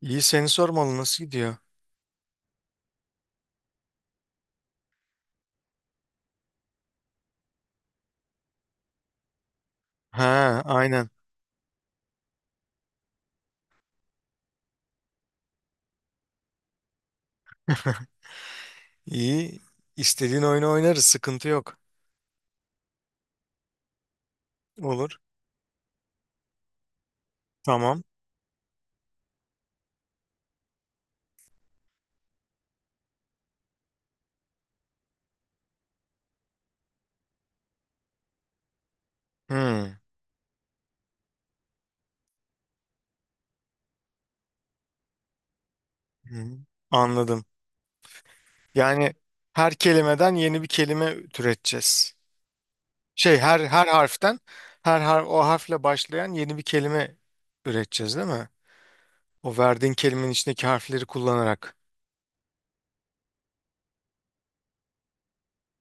İyi, seni sormalı, nasıl gidiyor? Ha, aynen. İyi. İstediğin oyunu oynarız, sıkıntı yok. Olur. Tamam. Hmm. Hmm. Anladım. Yani her kelimeden yeni bir kelime türeteceğiz. Her harften her har o harfle başlayan yeni bir kelime üreteceğiz, değil mi? O verdiğin kelimenin içindeki harfleri kullanarak.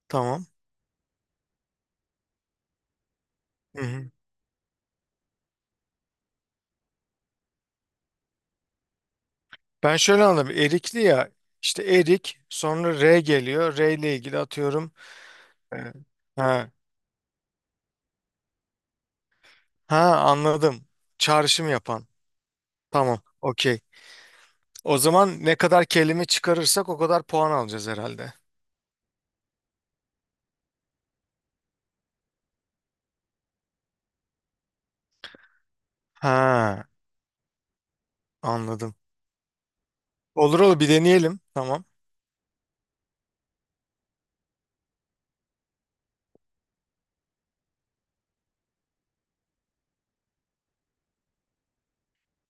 Tamam. Hı hı. Ben şöyle anladım. Erikli ya, işte erik, sonra R geliyor. R ile ilgili atıyorum. e, Ha. Ha, anladım. Çağrışım yapan. Tamam. Okey. O zaman ne kadar kelime çıkarırsak o kadar puan alacağız herhalde. Ha, anladım. Olur olur, bir deneyelim. Tamam.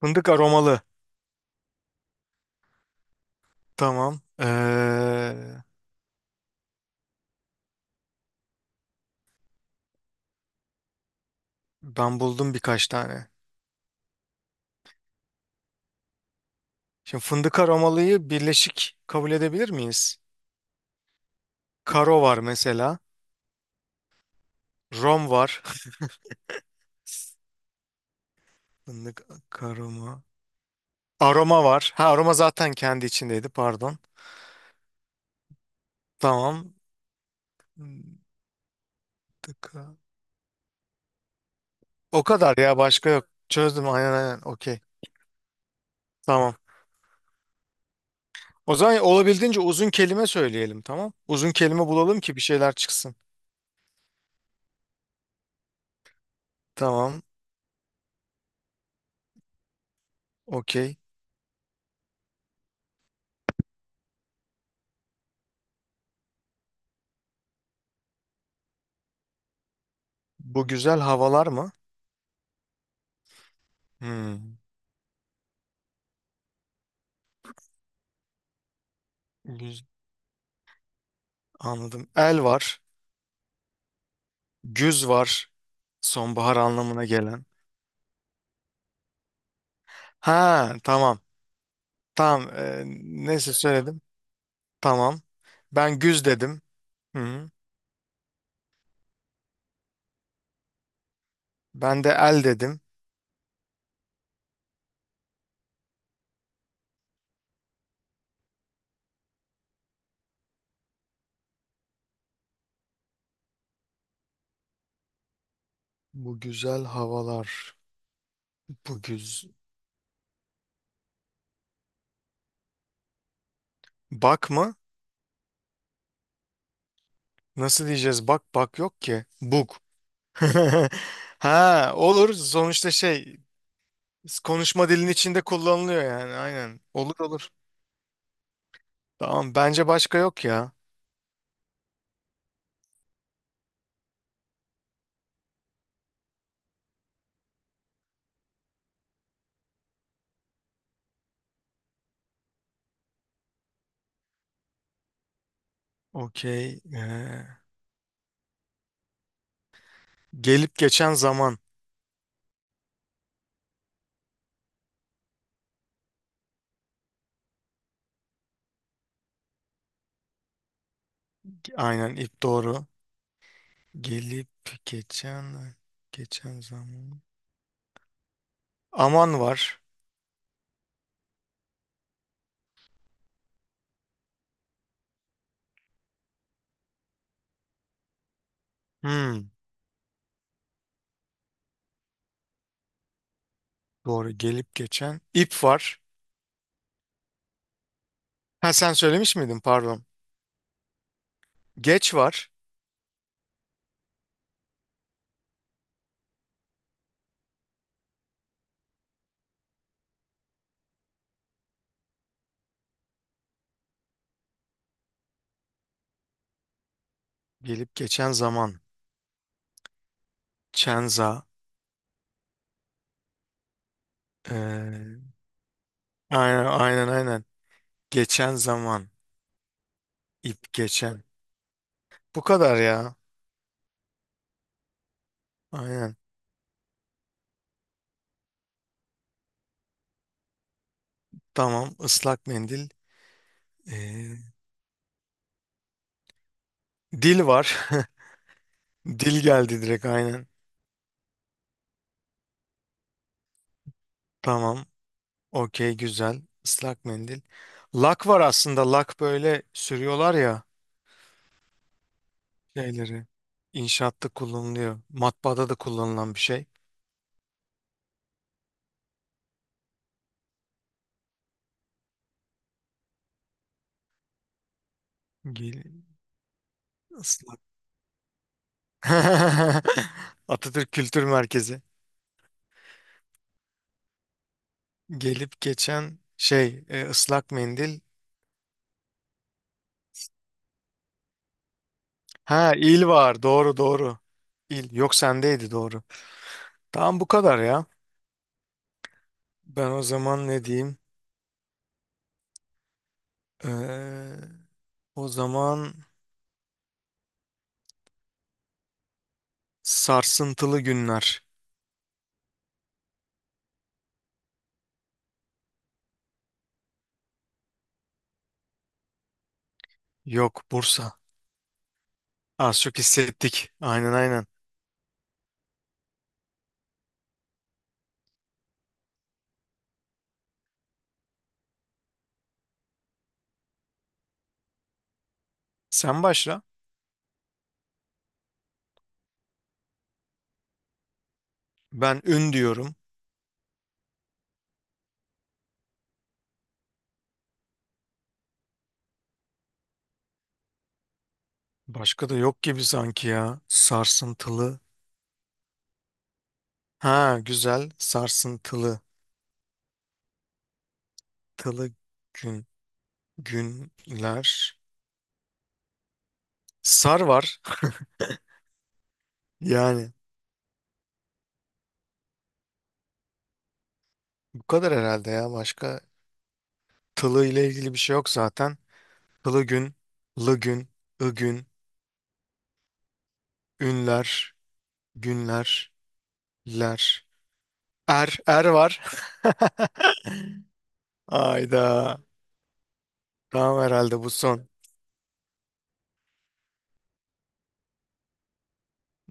Fındık aromalı. Tamam. Ben buldum birkaç tane. Şimdi fındık aromalıyı birleşik kabul edebilir miyiz? Karo var mesela. Rom var. Fındık aroma. Aroma var. Ha, aroma zaten kendi içindeydi, pardon. Tamam. Fındık. O kadar ya, başka yok. Çözdüm, aynen aynen, okey. Tamam. O zaman olabildiğince uzun kelime söyleyelim, tamam. Uzun kelime bulalım ki bir şeyler çıksın. Tamam, okey. Bu güzel havalar mı? Hmm. Güz- Anladım. El var. Güz var. Sonbahar anlamına gelen. Ha, tamam. Tamam. Neyse, söyledim. Tamam. Ben güz dedim. Hı. Ben de el dedim. Bu güzel havalar. Bu güz... Bak mı? Nasıl diyeceğiz? Bak bak yok ki. Bug. Ha, olur. Sonuçta şey, konuşma dilin içinde kullanılıyor yani. Aynen. Olur olur. Tamam. Bence başka yok ya. Okey. Gelip geçen zaman. Aynen, ip doğru. Gelip geçen zaman. Aman var. Hmm, doğru. Gelip geçen. İp var. Ha, sen söylemiş miydin? Pardon. Geç var. Gelip geçen zaman. Çenza. Ee, Aynen aynen aynen. Geçen zaman. İp geçen. Bu kadar ya. Aynen. Tamam. Islak mendil. Ee, Dil var. Dil geldi direkt, aynen. Tamam. Okey, güzel. Islak mendil. Lak var aslında. Lak böyle sürüyorlar ya şeyleri. İnşaatta kullanılıyor. Matbaada da kullanılan bir şey. Gel ıslak. Atatürk Kültür Merkezi. Gelip geçen şey ıslak mendil. Ha, il var, doğru doğru. İl yok, sendeydi doğru. Tamam, bu kadar ya. Ben o zaman ne diyeyim? Ee, O zaman sarsıntılı günler. Yok, Bursa. Az çok hissettik. Aynen aynen. Sen başla. Ben ün diyorum. Başka da yok gibi sanki ya. Sarsıntılı. Ha, güzel. Sarsıntılı. Tılı gün. Günler. Sar var. Yani bu kadar herhalde ya. Başka tılığı ile ilgili bir şey yok zaten. Tılı gün, lı gün, ı gün, ünler, günler, ler. Er, er var. Ayda. Tamam, herhalde bu son.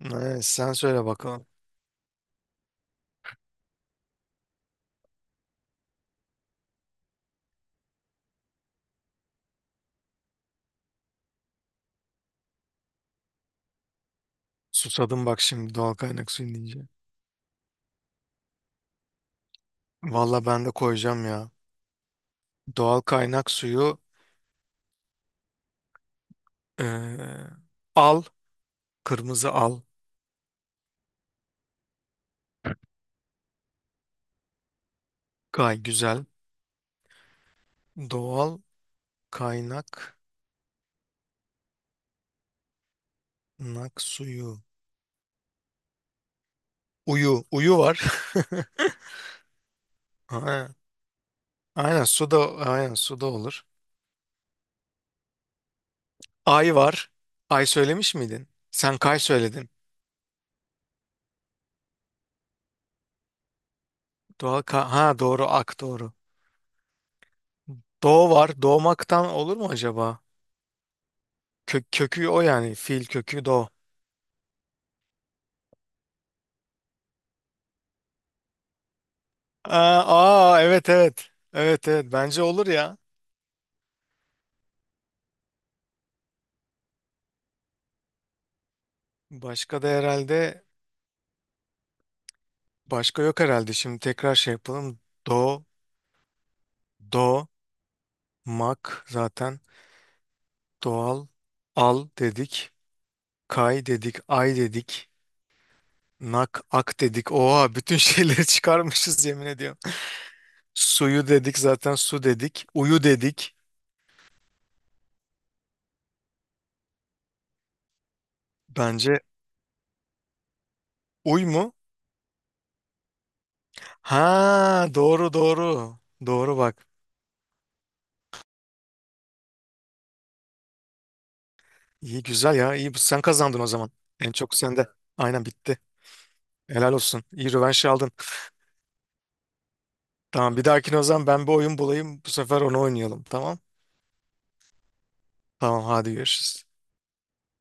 Evet, sen söyle bakalım. Susadım bak şimdi doğal kaynak suyu deyince. Valla ben de koyacağım ya. Doğal kaynak suyu eee, al. Kırmızı al. Gay güzel. Doğal kaynak nak suyu. Uyu. Uyu var. Ha, aynen su da, aynen su da olur. Ay var. Ay söylemiş miydin? Sen kay söyledin. Doğa ka, ha doğru, ak doğru. Doğu var. Doğmaktan olur mu acaba? Kö, kökü o yani. Fiil kökü doğu. Aa, aa evet evet. Evet evet, bence olur ya. Başka da herhalde Başka yok herhalde. Şimdi tekrar şey yapalım. Do, do, mak zaten, doğal, al dedik. Kay dedik. Ay dedik. Nak, ak dedik. Oha, bütün şeyleri çıkarmışız yemin ediyorum. Suyu dedik zaten, su dedik. Uyu dedik. Bence uy mu? Ha, doğru doğru. Doğru bak. İyi, güzel ya. İyi, sen kazandın o zaman. En çok sende. Aynen, bitti. Helal olsun. İyi rövanş aldın. Tamam, bir dahakine o zaman ben bir oyun bulayım. Bu sefer onu oynayalım. Tamam. Tamam, hadi görüşürüz.